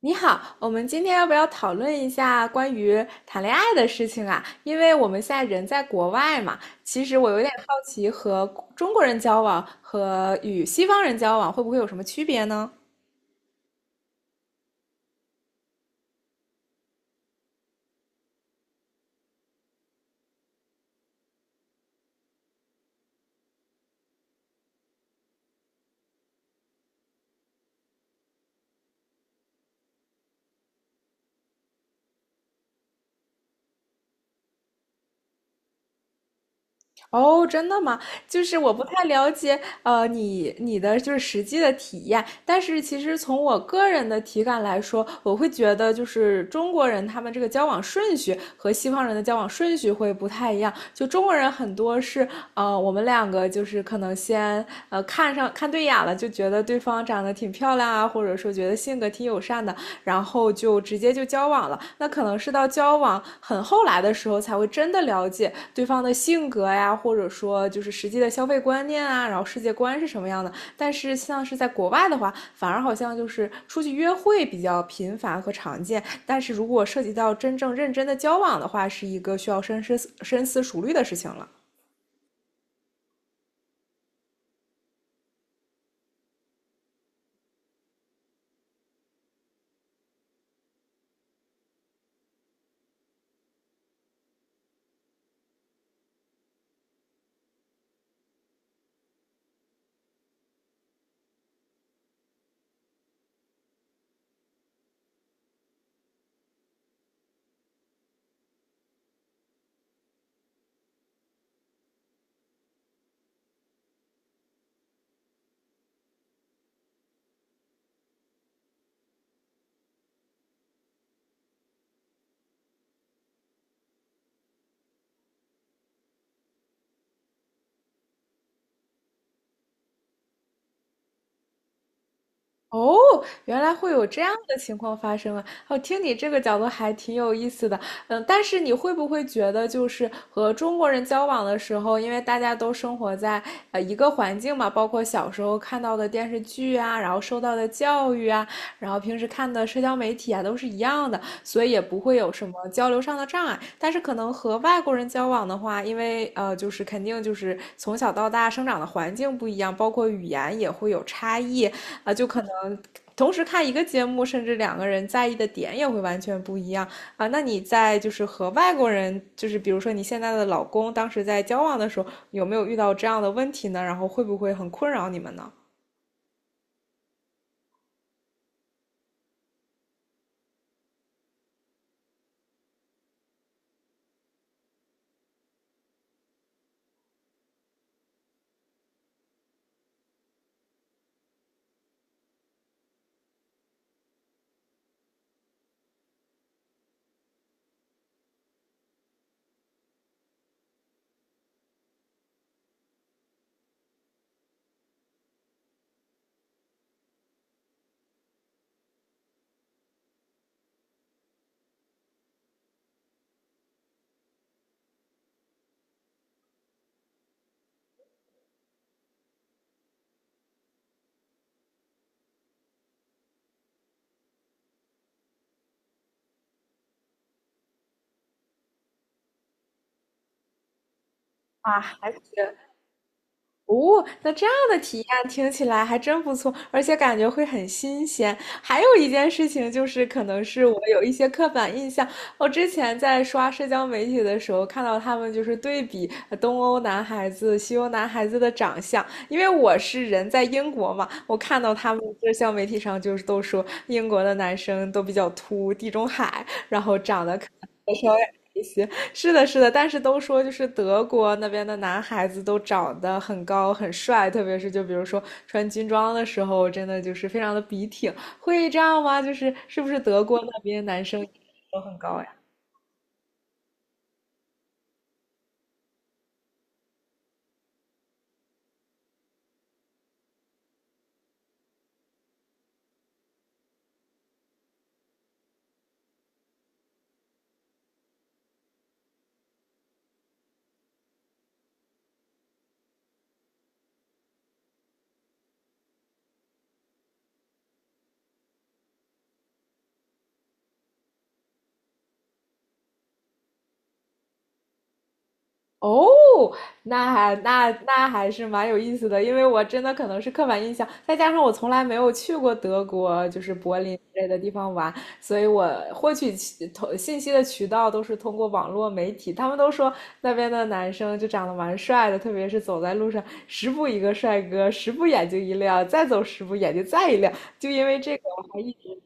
你好，我们今天要不要讨论一下关于谈恋爱的事情啊？因为我们现在人在国外嘛，其实我有点好奇，和中国人交往和与西方人交往会不会有什么区别呢？哦，真的吗？就是我不太了解，你的就是实际的体验，但是其实从我个人的体感来说，我会觉得就是中国人他们这个交往顺序和西方人的交往顺序会不太一样。就中国人很多是，我们两个就是可能先看上看对眼了，就觉得对方长得挺漂亮啊，或者说觉得性格挺友善的，然后就直接就交往了。那可能是到交往很后来的时候，才会真的了解对方的性格呀，或者说就是实际的消费观念啊，然后世界观是什么样的。但是像是在国外的话，反而好像就是出去约会比较频繁和常见，但是如果涉及到真正认真的交往的话，是一个需要深思熟虑的事情了。哦，原来会有这样的情况发生啊！哦，听你这个角度还挺有意思的。嗯，但是你会不会觉得，就是和中国人交往的时候，因为大家都生活在一个环境嘛，包括小时候看到的电视剧啊，然后受到的教育啊，然后平时看的社交媒体啊，都是一样的，所以也不会有什么交流上的障碍。但是可能和外国人交往的话，因为就是肯定就是从小到大生长的环境不一样，包括语言也会有差异。啊，就可能同时看一个节目，甚至两个人在意的点也会完全不一样啊。那你在就是和外国人，就是比如说你现在的老公，当时在交往的时候，有没有遇到这样的问题呢？然后会不会很困扰你们呢？啊，还是哦，那这样的体验听起来还真不错，而且感觉会很新鲜。还有一件事情就是，可能是我有一些刻板印象。我之前在刷社交媒体的时候，看到他们就是对比东欧男孩子、西欧男孩子的长相，因为我是人在英国嘛，我看到他们社交媒体上就是都说英国的男生都比较秃，地中海，然后长得可能稍微矮一些。是的，是的，但是都说就是德国那边的男孩子都长得很高很帅，特别是就比如说穿军装的时候，真的就是非常的笔挺。会这样吗？就是是不是德国那边男生都很高呀？哦，那还是蛮有意思的，因为我真的可能是刻板印象，再加上我从来没有去过德国，就是柏林之类的地方玩，所以我获取信息的渠道都是通过网络媒体。他们都说那边的男生就长得蛮帅的，特别是走在路上，十步一个帅哥，十步眼睛一亮，再走十步眼睛再一亮。就因为这个，我还一直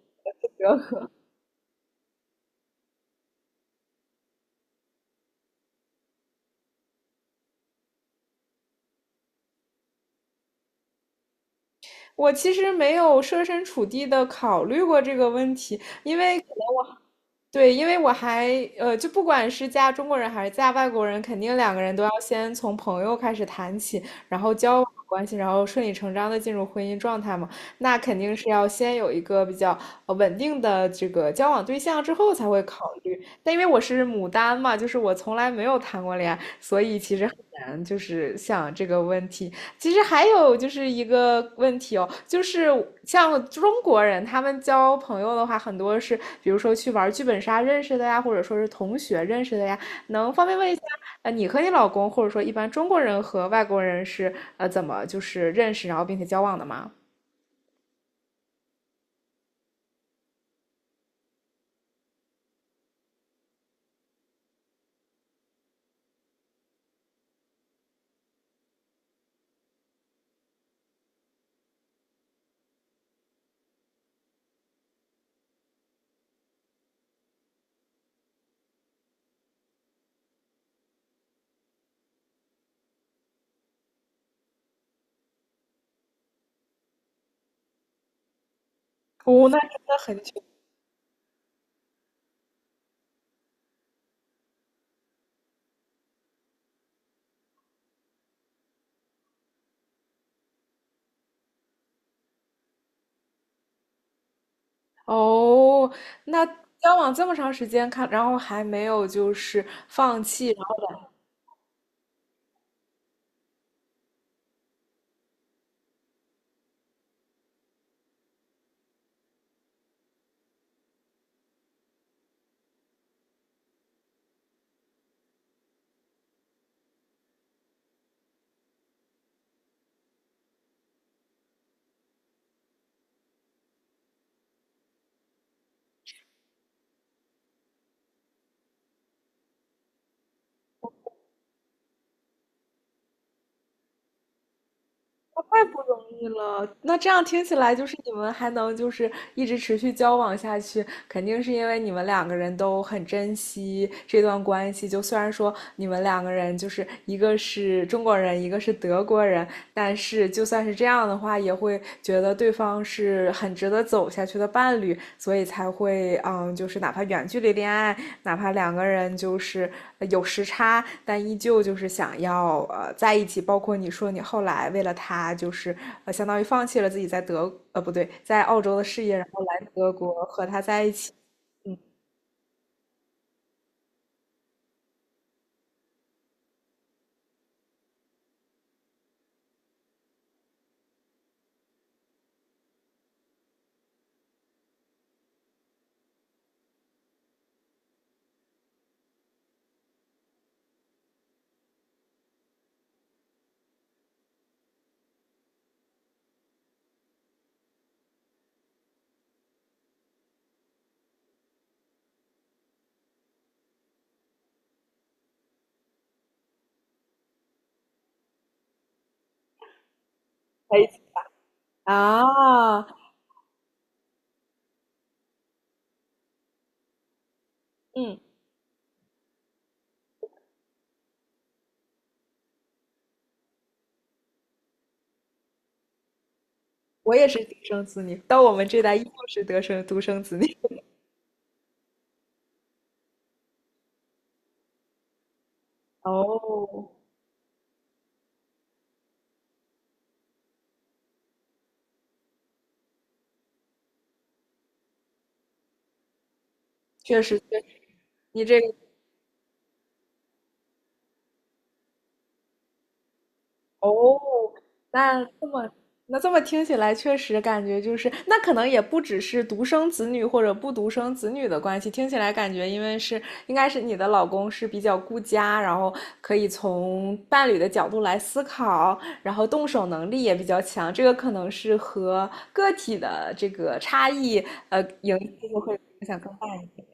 我其实没有设身处地的考虑过这个问题，因为对，因为我还就不管是嫁中国人还是嫁外国人，肯定两个人都要先从朋友开始谈起，然后交往关系，然后顺理成章的进入婚姻状态嘛。那肯定是要先有一个比较稳定的这个交往对象之后才会考虑。但因为我是牡丹嘛，就是我从来没有谈过恋爱，所以其实很难就是想这个问题。其实还有就是一个问题哦，就是像中国人，他们交朋友的话，很多是比如说去玩剧本杀认识的呀，或者说是同学认识的呀。能方便问一下，你和你老公，或者说一般中国人和外国人是怎么就是认识，然后并且交往的吗？哦，那真的很久哦，那交往这么长时间，看，然后还没有就是放弃太不容易了，那这样听起来就是你们还能就是一直持续交往下去，肯定是因为你们两个人都很珍惜这段关系。就虽然说你们两个人就是一个是中国人，一个是德国人，但是就算是这样的话，也会觉得对方是很值得走下去的伴侣，所以才会嗯，就是哪怕远距离恋爱，哪怕两个人就是有时差，但依旧就是想要在一起。包括你说你后来为了他，就是相当于放弃了自己不对，在澳洲的事业，然后来德国和他在一起，嗯，在一起啊，嗯，我也是独生子女，到我们这代依旧是独生子女。哦，确实确实，你这个哦，那这么那这么听起来，确实感觉就是，那可能也不只是独生子女或者不独生子女的关系，听起来感觉因为是应该是你的老公是比较顾家，然后可以从伴侣的角度来思考，然后动手能力也比较强，这个可能是和个体的这个差异，就会影响更大。一点。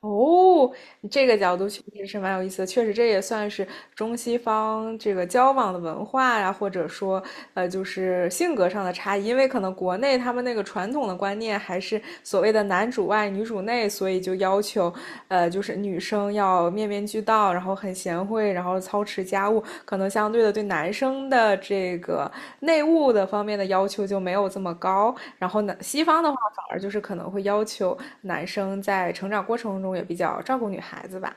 哦，这个角度确实是蛮有意思的，确实这也算是中西方这个交往的文化呀、或者说就是性格上的差异。因为可能国内他们那个传统的观念还是所谓的男主外女主内，所以就要求就是女生要面面俱到，然后很贤惠，然后操持家务，可能相对的对男生的这个内务的方面的要求就没有这么高。然后呢，西方的话反而就是可能会要求男生在成长过程中也比较照顾女孩子吧。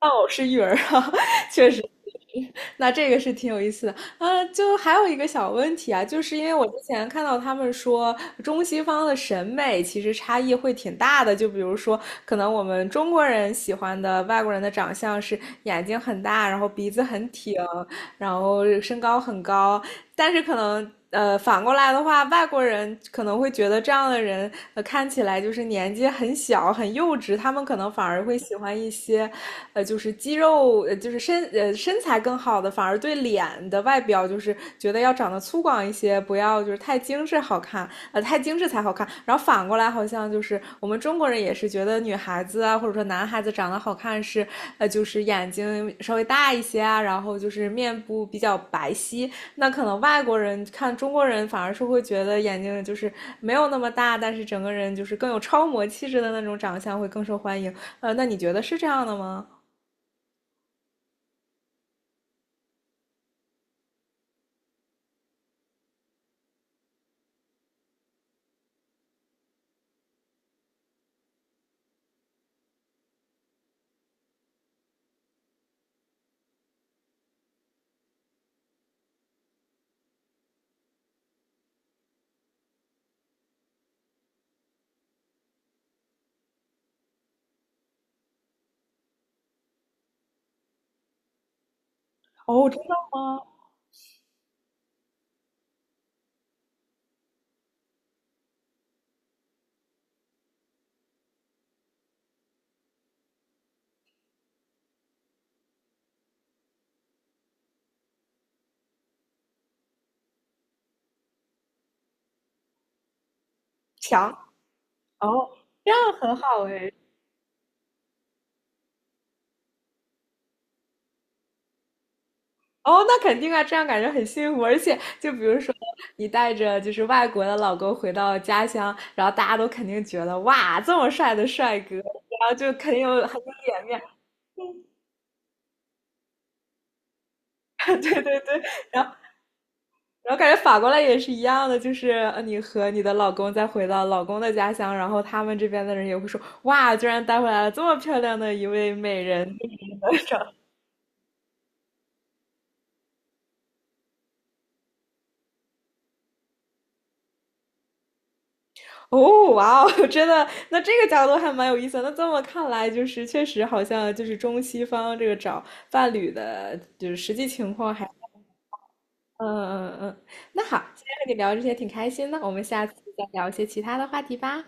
哦，是育儿啊，确实，那这个是挺有意思的啊。就还有一个小问题啊，就是因为我之前看到他们说中西方的审美其实差异会挺大的，就比如说，可能我们中国人喜欢的外国人的长相是眼睛很大，然后鼻子很挺，然后身高很高，但是可能。反过来的话，外国人可能会觉得这样的人，看起来就是年纪很小、很幼稚，他们可能反而会喜欢一些就是肌肉，就是身材更好的，反而对脸的外表就是觉得要长得粗犷一些，不要就是太精致好看，太精致才好看。然后反过来，好像就是我们中国人也是觉得女孩子啊，或者说男孩子长得好看是，就是眼睛稍微大一些啊，然后就是面部比较白皙。那可能外国人看中国人，反而是会觉得眼睛就是没有那么大，但是整个人就是更有超模气质的那种长相会更受欢迎。那你觉得是这样的吗？强哦，这样很好哎。哦，那肯定啊，这样感觉很幸福。而且，就比如说你带着就是外国的老公回到家乡，然后大家都肯定觉得哇，这么帅的帅哥，然后就肯定有很有脸面。对对对，然后然后感觉反过来也是一样的，就是你和你的老公再回到老公的家乡，然后他们这边的人也会说哇，居然带回来了这么漂亮的一位美人，哦，哇哦，真的，那这个角度还蛮有意思的那这么看来，就是确实好像就是中西方这个找伴侣的，就是实际情况还，嗯。嗯那好，今天和你聊这些挺开心的，我们下次再聊一些其他的话题吧。